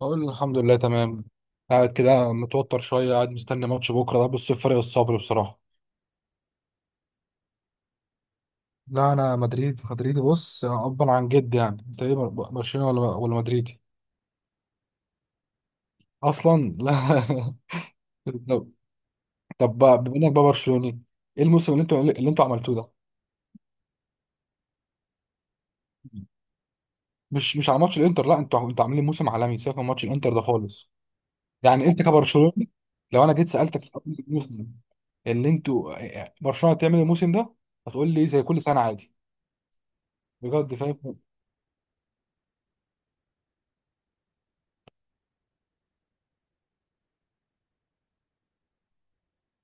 بقول له الحمد لله تمام. قاعد كده متوتر شوية، قاعد مستني ماتش بكرة ده. بص فرق الصبر بصراحة. لا أنا مدريد مدريدي. بص أبا عن جد، يعني أنت إيه برشلوني ولا مدريدي؟ أصلا لا. طب. طب بقى بما إنك بقى برشلوني، إيه الموسم اللي أنتوا عملتوه ده؟ مش على ماتش الانتر، لا انتوا عاملين موسم عالمي، سيبك من ماتش الانتر ده خالص. يعني انت كبرشلوني، لو انا جيت سالتك قبل الموسم اللي انتوا إيه، إيه، برشلونه هتعمل الموسم ده، هتقول لي زي كل سنه عادي. بجد فاهم.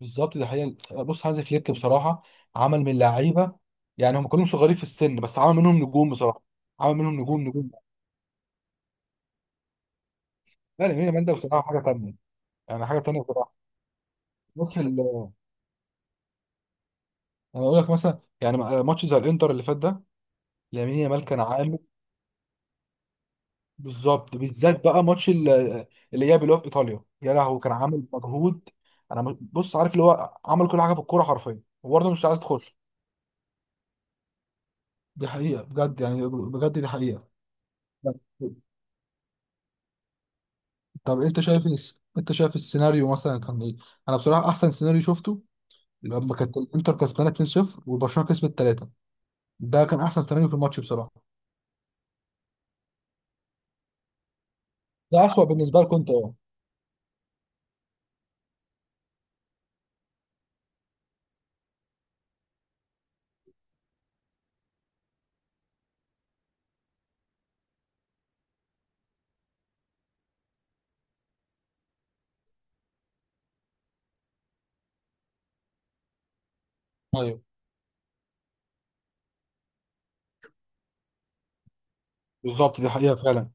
بالظبط ده حقيقة. بص هانز فليك بصراحة عمل من لعيبة، يعني هم كلهم صغيرين في السن بس عمل منهم نجوم بصراحة. عمل منهم نجوم نجوم. لا يمين يامال ده بصراحة حاجة تانية. يعني حاجة تانية بصراحة. ماتش ال أنا أقول لك مثلا، يعني ماتش زي الإنتر اللي فات ده. يمين يامال كان عامل. بالظبط، بالذات بقى الإياب اللي هو في إيطاليا، يا لهوي كان عامل مجهود. بص عارف اللي هو عمل كل حاجة في الكورة حرفيا، وبرضه مش عايز تخش. دي حقيقة بجد، يعني بجد دي حقيقة. طب انت شايف انت شايف السيناريو مثلا كان ايه؟ انا بصراحه احسن سيناريو شفته لما كانت الانتر كسبانه 2-0 وبرشلونه كسبت 3، ده كان احسن سيناريو في الماتش بصراحه. ده اسوأ بالنسبه لكم، انت اه. ايوه بالظبط، دي حقيقه فعلا.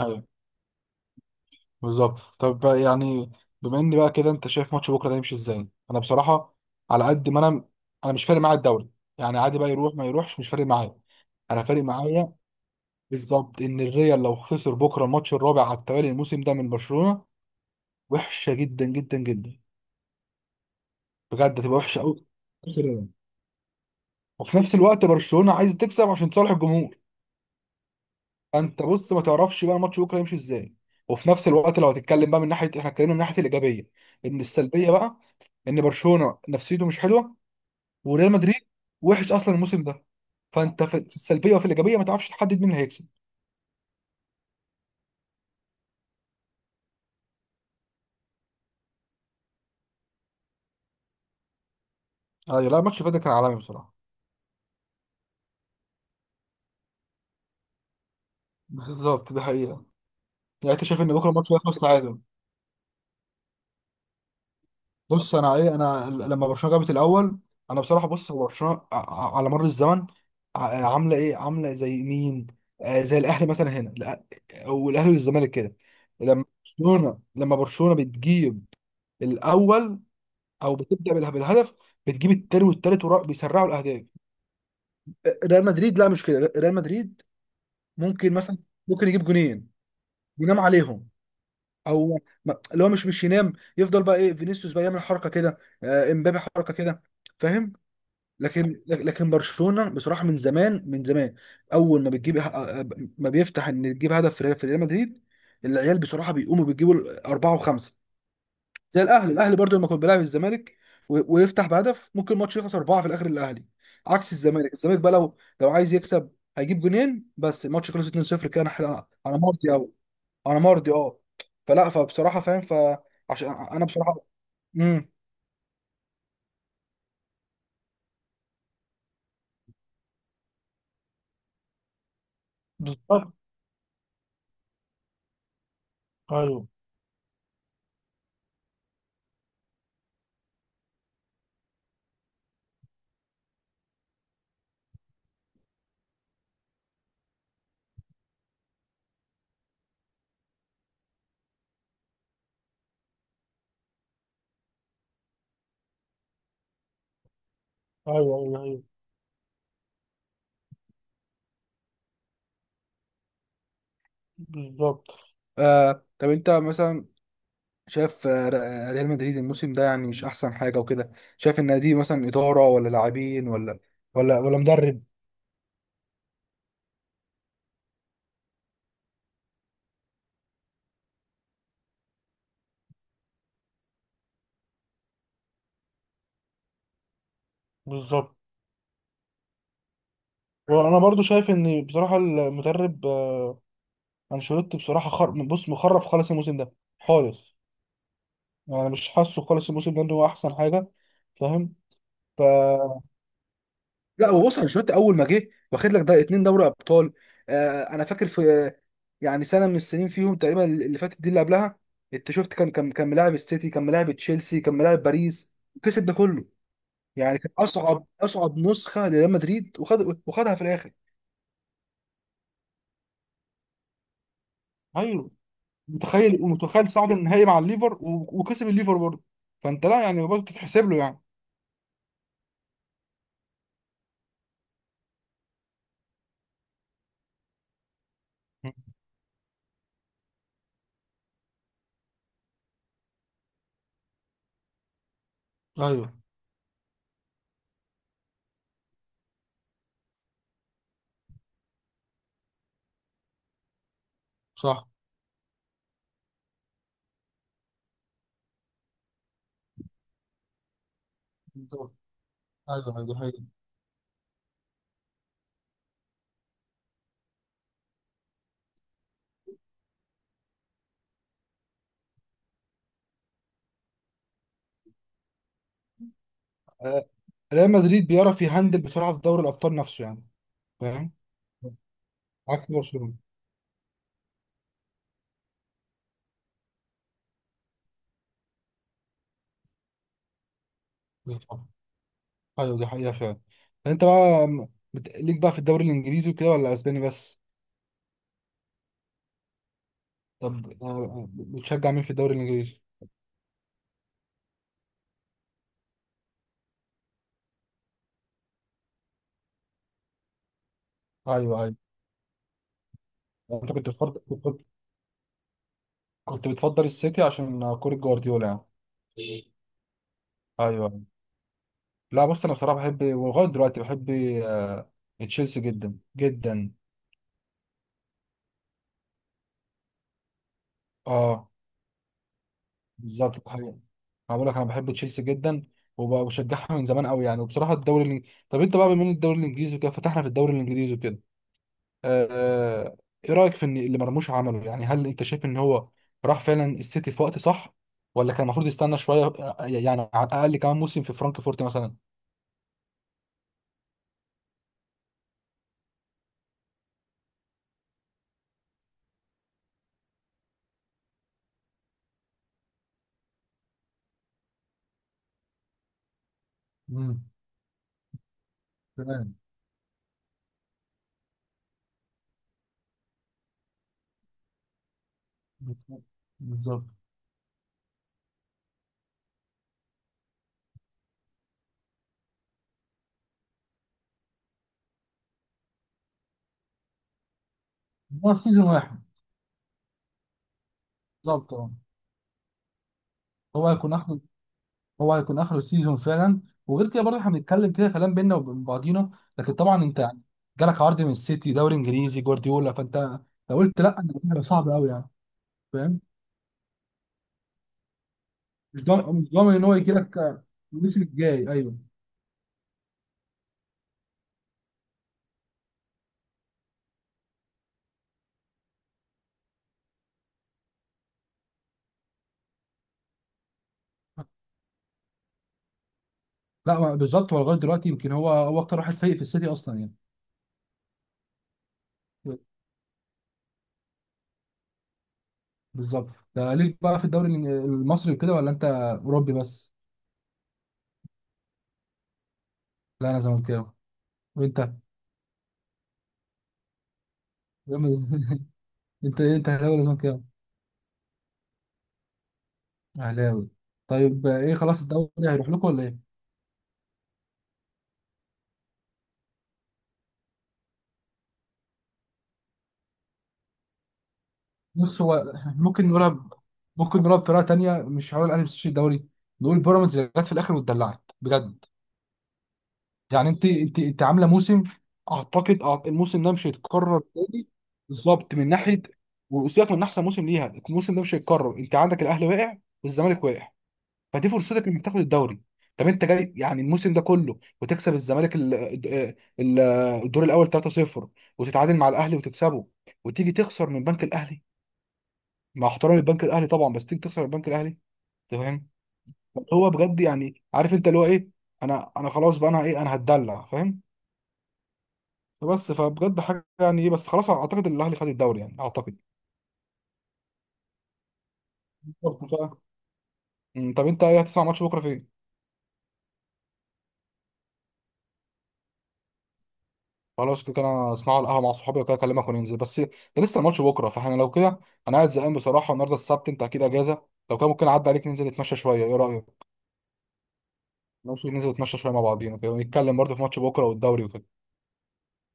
ايوه بالظبط. طب بقى يعني بما ان بقى كده، انت شايف ماتش بكره ده يمشي ازاي؟ انا بصراحه، على قد ما انا، انا مش فارق معايا الدوري. يعني عادي بقى يروح ما يروحش، مش فارق معايا. انا فارق معايا بالظبط ان الريال لو خسر بكره الماتش الرابع على التوالي الموسم ده من برشلونه، وحشه جدا جدا جدا. بجد هتبقى وحشه قوي. وفي نفس الوقت برشلونه عايز تكسب عشان تصالح الجمهور. انت بص ما تعرفش بقى الماتش بكره يمشي ازاي. وفي نفس الوقت لو هتتكلم بقى من ناحيه، احنا اتكلمنا من ناحيه الايجابيه، ان السلبيه بقى، ان برشلونه نفسيته مش حلوه وريال مدريد وحش اصلا الموسم ده. فانت في السلبيه وفي الايجابيه ما تعرفش تحدد مين اللي هيكسب. ايوه، لا الماتش اللي فات ده كان عالمي بصراحه. بالظبط ده حقيقه. يعني انت شايف ان بكره الماتش هيخلص تعادل. بص انا ايه، انا لما برشلونه جابت الاول، انا بصراحه بص هو برشلونه على مر الزمن عامله ايه، عامله زي مين، آه زي الاهلي مثلا هنا والاهلي والزمالك كده. لما برشلونه بتجيب الاول او بتبدا بالهدف، بتجيب التاني والتالت بيسرعوا الاهداف. ريال مدريد لا مش كده. ريال مدريد ممكن مثلا، ممكن يجيب جونين ينام عليهم، او اللي هو مش ينام، يفضل بقى ايه فينيسيوس بقى يعمل حركه كده، امبابي حركه كده، فاهم. لكن برشلونه بصراحه، من زمان اول ما بتجيب، ما بيفتح ان تجيب هدف في ريال مدريد، العيال بصراحه بيقوموا بيجيبوا اربعه وخمسه. زي الاهلي، الاهلي برضو لما كان بيلعب الزمالك ويفتح بهدف، ممكن الماتش يخلص اربعه في الاخر الاهلي. عكس الزمالك، الزمالك بقى لو عايز يكسب، هيجيب جونين بس الماتش خلص 2-0. كان احنا انا انا مرضي قوي. انا مرضي اه. فلا فبصراحه فاهم. فعشان انا بصراحه، امم، بالظبط. ايوه ايوه ايوه, أيوة. بالظبط. آه طب انت مثلا شايف، ريال مدريد الموسم ده يعني مش احسن حاجه وكده. شايف ان دي مثلا اداره ولا لاعبين ولا مدرب؟ بالظبط. وانا برضو شايف ان بصراحه المدرب انشيلوتي بصراحه بص مخرف خالص الموسم ده خالص. يعني مش حاسه خالص الموسم ده ان هو احسن حاجه، فاهم. لا هو بص، انشيلوتي اول ما جه واخد لك ده اتنين دوري ابطال. آه انا فاكر في، يعني سنه من السنين فيهم تقريبا اللي فاتت دي اللي قبلها، انت شفت كان ملاعب السيتي، كان ملاعب تشيلسي، كان ملاعب باريس، كسب ده كله. يعني كان اصعب نسخه لريال مدريد، وخدها في الاخر. ايوه متخيل، ومتخيل صعد النهائي مع الليفر وكسب الليفر برضه. فانت لا يعني برضه تتحسب له يعني. ايوه صح. بالظبط. ايوه ايوه دي حقيقة. آه، ريال مدريد بيعرف يهندل بسرعه في دوري الابطال نفسه يعني. فاهم، عكس برشلونة. بالظبط ايوه، دي حقيقة فعلا. انت بقى ليك بقى في الدوري الانجليزي وكده، ولا اسباني بس؟ طب بتشجع مين في الدوري الانجليزي؟ ايوه ايوه. انت كنت بتفضل كنت كنت بتفضل السيتي عشان كورة جوارديولا يعني. ايوه أيوة. لا بص، انا بصراحه بحب ولغايه دلوقتي بحب، آه، تشيلسي جدا جدا. اه بالظبط ده حقيقي. انا بقول لك انا بحب تشيلسي جدا وبشجعها من زمان قوي يعني. وبصراحه طب انت بقى بما ان الدوري الانجليزي وكده، فتحنا في الدوري الانجليزي وكده، آه، ايه رايك في ان اللي مرموش عمله؟ يعني هل انت شايف ان هو راح فعلا السيتي في وقت صح، ولا كان المفروض يستنى شويه، يعني على الاقل كمان موسم في فرانكفورت مثلا؟ امم. تمام. بالظبط. بالظبط. هو سيزون واحد. بالظبط اه. هو هيكون اخر هو هيكون اخر سيزون فعلا. وغير كده برضه احنا بنتكلم كده كلام بينا وبين بعضينا، لكن طبعا انت يعني جالك عرض من السيتي، دوري انجليزي، جوارديولا، فانت لو قلت لا انا هيبقى صعب قوي يعني. فاهم. مش ضامن ان هو يجي لك الموسم الجاي، ايوه. لا هو بالظبط، هو لغايه دلوقتي يمكن هو اكتر واحد فايق في السيتي اصلا يعني. بالظبط ده ليك بقى في الدوري المصري وكده، ولا انت اوروبي بس؟ لا انا زملكاوي. وانت؟ جامد. انت ايه، انت اهلاوي ولا زملكاوي؟ اهلاوي. طيب ايه، خلاص الدوري هيروح لكم ولا ايه؟ بص هو ممكن ممكن نقولها بطريقه تانيه، مش هقول الاهلي بس الدوري، نقول بيراميدز اللي جت في الاخر واتدلعت بجد. يعني انت عامله موسم، اعتقد الموسم ده مش هيتكرر تاني. بالظبط من ناحيه، وسيبك من احسن موسم ليها، الموسم ده مش هيتكرر، انت عندك الاهلي واقع والزمالك واقع، فدي فرصتك انك تاخد الدوري. طب انت جاي يعني الموسم ده كله وتكسب الزمالك ال- الدور الاول 3-0، وتتعادل مع الاهلي وتكسبه، وتيجي تخسر من بنك الاهلي، مع احترامي البنك الاهلي طبعا، بس تيجي تخسر من بنك الاهلي. تمام. هو بجد يعني عارف انت اللي هو ايه. انا خلاص بقى، انا ايه، انا هتدلع فاهم. بس فبجد حاجه يعني ايه، بس خلاص اعتقد الاهلي خد الدوري يعني اعتقد. بالظبط بقى. مم، طب انت ايه، هتسمع ماتش بكره فين؟ خلاص كده، انا اسمعه على القهوه مع صحابي وكده، اكلمك وننزل، بس ده لسه الماتش بكره، فاحنا لو كده، انا قاعد زهقان بصراحه، النهارده السبت انت اكيد اجازه، لو كان ممكن اعدي عليك ننزل نتمشى شويه، ايه رايك؟ ماشي، ننزل نتمشى شويه مع بعضينا كده، ونتكلم برضه في ماتش بكره والدوري وكده.